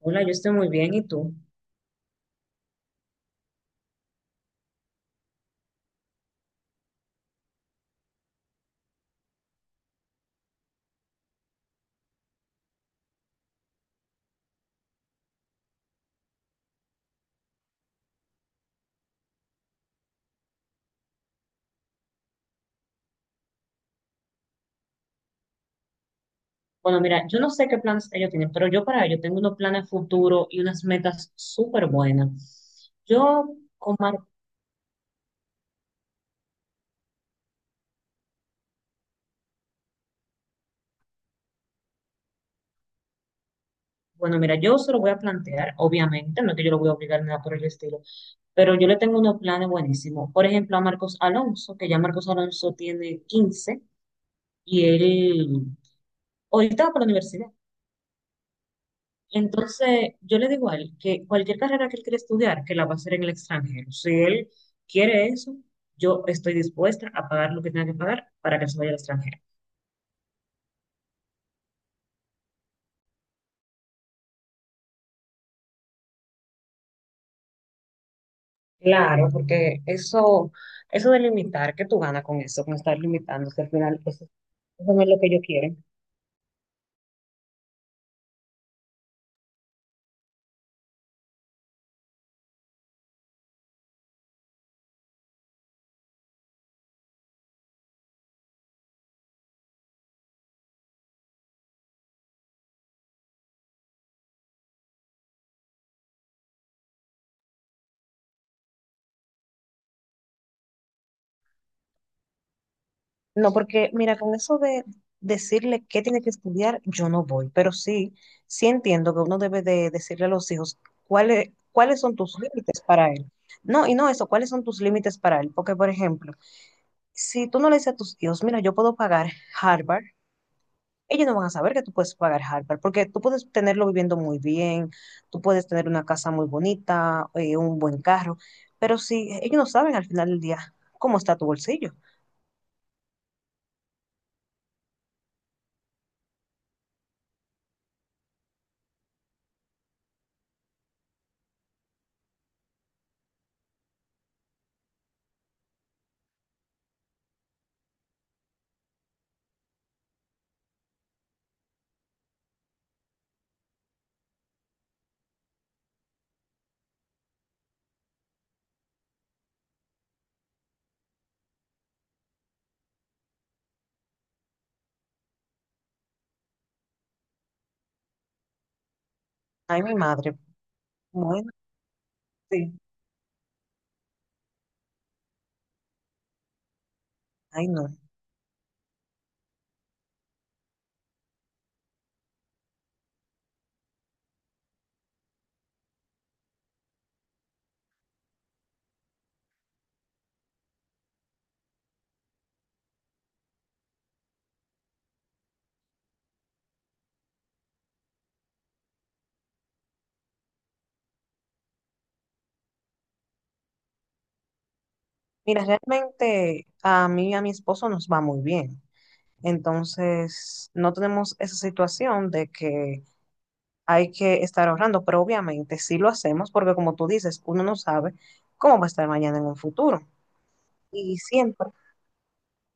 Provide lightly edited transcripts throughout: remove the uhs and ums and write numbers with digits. Hola, yo estoy muy bien, ¿y tú? Bueno, mira, yo no sé qué planes ellos tienen, pero yo para ellos tengo unos planes futuros y unas metas súper buenas. Omar, bueno, mira, yo se lo voy a plantear, obviamente, no es que yo lo voy a obligar ni nada por el estilo, pero yo le tengo unos planes buenísimos. Por ejemplo, a Marcos Alonso, que ya Marcos Alonso tiene 15 y él ahorita va para la universidad. Entonces, yo le digo a él que cualquier carrera que él quiera estudiar, que la va a hacer en el extranjero. Si él quiere eso, yo estoy dispuesta a pagar lo que tenga que pagar para que se vaya al extranjero. Claro, porque eso de limitar, que tú ganas con eso, con estar limitándose al final, eso no es lo que yo quiero. No, porque mira, con eso de decirle qué tiene que estudiar, yo no voy, pero sí, sí entiendo que uno debe de decirle a los hijos cuáles son tus límites para él. No, y no eso, cuáles son tus límites para él. Porque, por ejemplo, si tú no le dices a tus hijos, mira, yo puedo pagar Harvard, ellos no van a saber que tú puedes pagar Harvard, porque tú puedes tenerlo viviendo muy bien, tú puedes tener una casa muy bonita, un buen carro, pero si ellos no saben al final del día cómo está tu bolsillo. Ay, mi madre. Bueno, sí. Ay, no. Mira, realmente a mí y a mi esposo nos va muy bien. Entonces, no tenemos esa situación de que hay que estar ahorrando, pero obviamente sí lo hacemos porque como tú dices, uno no sabe cómo va a estar mañana en un futuro. Y siempre,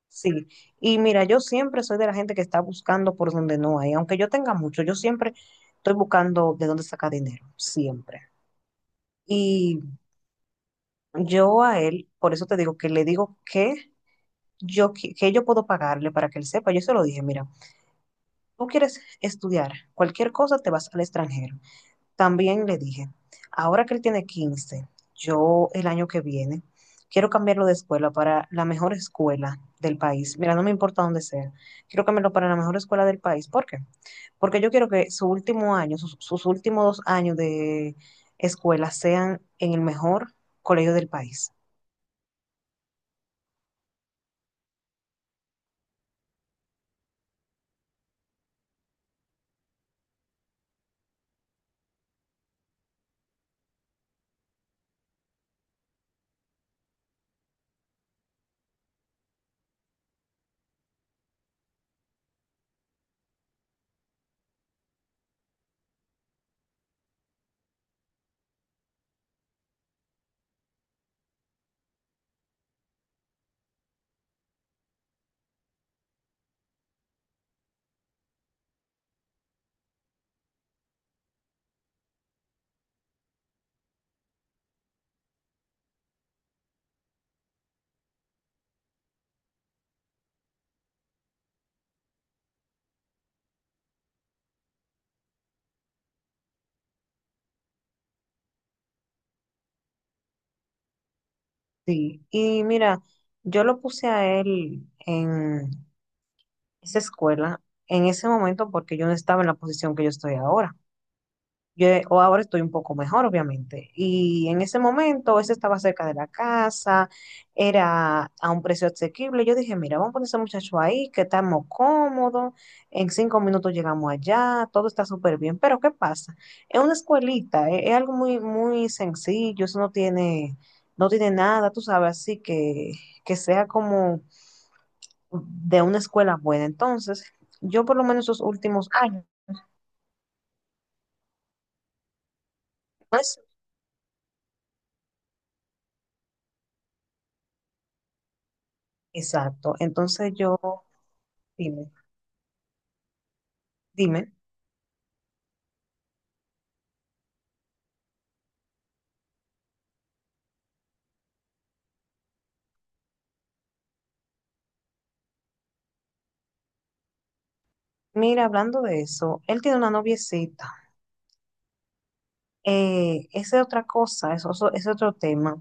sí. Y mira, yo siempre soy de la gente que está buscando por donde no hay. Aunque yo tenga mucho, yo siempre estoy buscando de dónde sacar dinero, siempre. Y yo a él, por eso te digo que le digo que yo puedo pagarle para que él sepa. Yo se lo dije, mira, tú quieres estudiar cualquier cosa, te vas al extranjero. También le dije, ahora que él tiene 15 yo el año que viene quiero cambiarlo de escuela para la mejor escuela del país. Mira, no me importa dónde sea. Quiero cambiarlo para la mejor escuela del país. ¿Por qué? Porque yo quiero que su último año, sus últimos 2 años de escuela sean en el mejor colegio del país. Sí. Y mira, yo lo puse a él en esa escuela en ese momento porque yo no estaba en la posición que yo estoy ahora. O ahora estoy un poco mejor, obviamente. Y en ese momento, ese estaba cerca de la casa, era a un precio asequible. Yo dije, mira, vamos a poner ese muchacho ahí, que estamos cómodos, en 5 minutos llegamos allá, todo está súper bien. Pero, ¿qué pasa? Es una escuelita, algo muy, muy sencillo, eso no tiene, no tiene nada, tú sabes, así que sea como de una escuela buena. Entonces, yo por lo menos esos últimos años, pues, exacto. Entonces yo, dime, dime, mira, hablando de eso, él tiene una noviecita. Esa es otra cosa, es otro tema.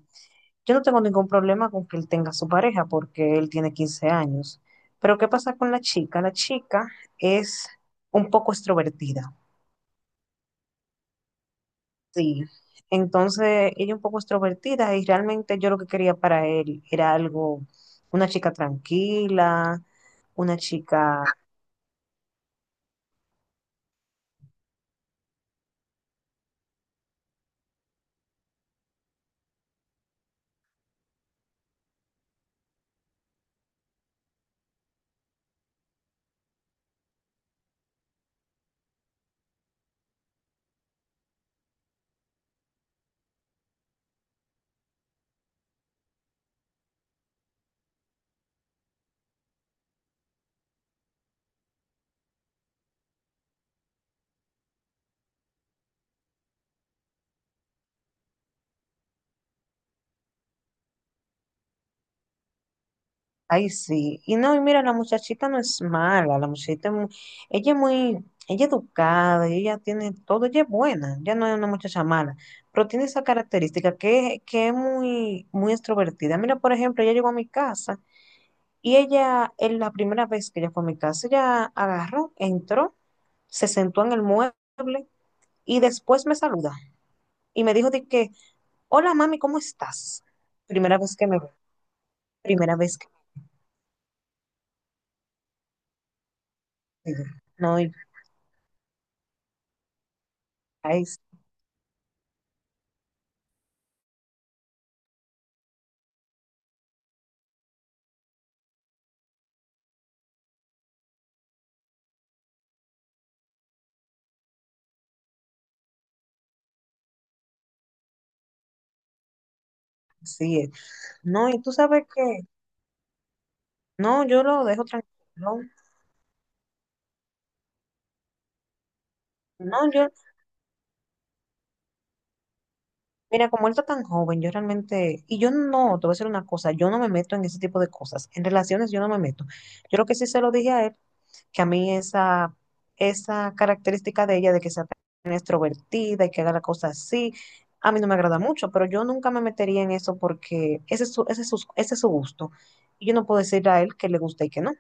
Yo no tengo ningún problema con que él tenga su pareja porque él tiene 15 años. Pero ¿qué pasa con la chica? La chica es un poco extrovertida. Sí, entonces ella un poco extrovertida y realmente yo lo que quería para él era algo, una chica tranquila, una chica, ay sí, y no, y mira, la muchachita no es mala, la muchachita, es mu- ella es muy, ella es educada, y ella tiene todo, ella es buena, ya no es una muchacha mala, pero tiene esa característica que es muy, muy extrovertida. Mira, por ejemplo, ella llegó a mi casa. Y ella, en la primera vez que ella fue a mi casa, ella agarró, entró, se sentó en el mueble y después me saluda y me dijo de que, hola mami, ¿cómo estás? Primera vez que me ve, primera vez que me ve. No, y ay, sí, eh. No, y tú sabes que, no, yo lo dejo tranquilo. No, mira, como él está tan joven, yo realmente, y yo no, te voy a decir una cosa, yo no me meto en ese tipo de cosas. En relaciones yo no me meto. Yo lo que sí se lo dije a él que a mí esa, esa característica de ella, de que sea tan extrovertida y que haga la cosa así, a mí no me agrada mucho, pero yo nunca me metería en eso porque ese es su gusto. Y yo no puedo decirle a él que le gusta y que no.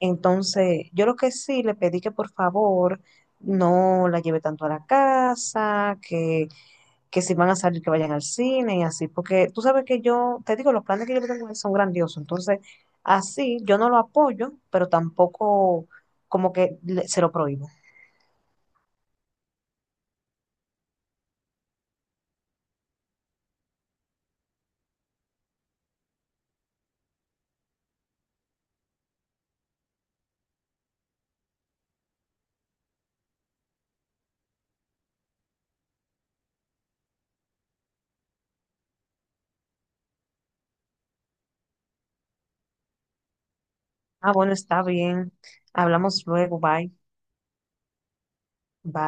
Entonces, yo lo que sí le pedí que por favor no la lleve tanto a la casa, que si van a salir, que vayan al cine y así, porque tú sabes que yo, te digo, los planes que yo tengo son grandiosos, entonces así yo no lo apoyo, pero tampoco como que le- se lo prohíbo. Ah, bueno, está bien. Hablamos luego, bye. Bye.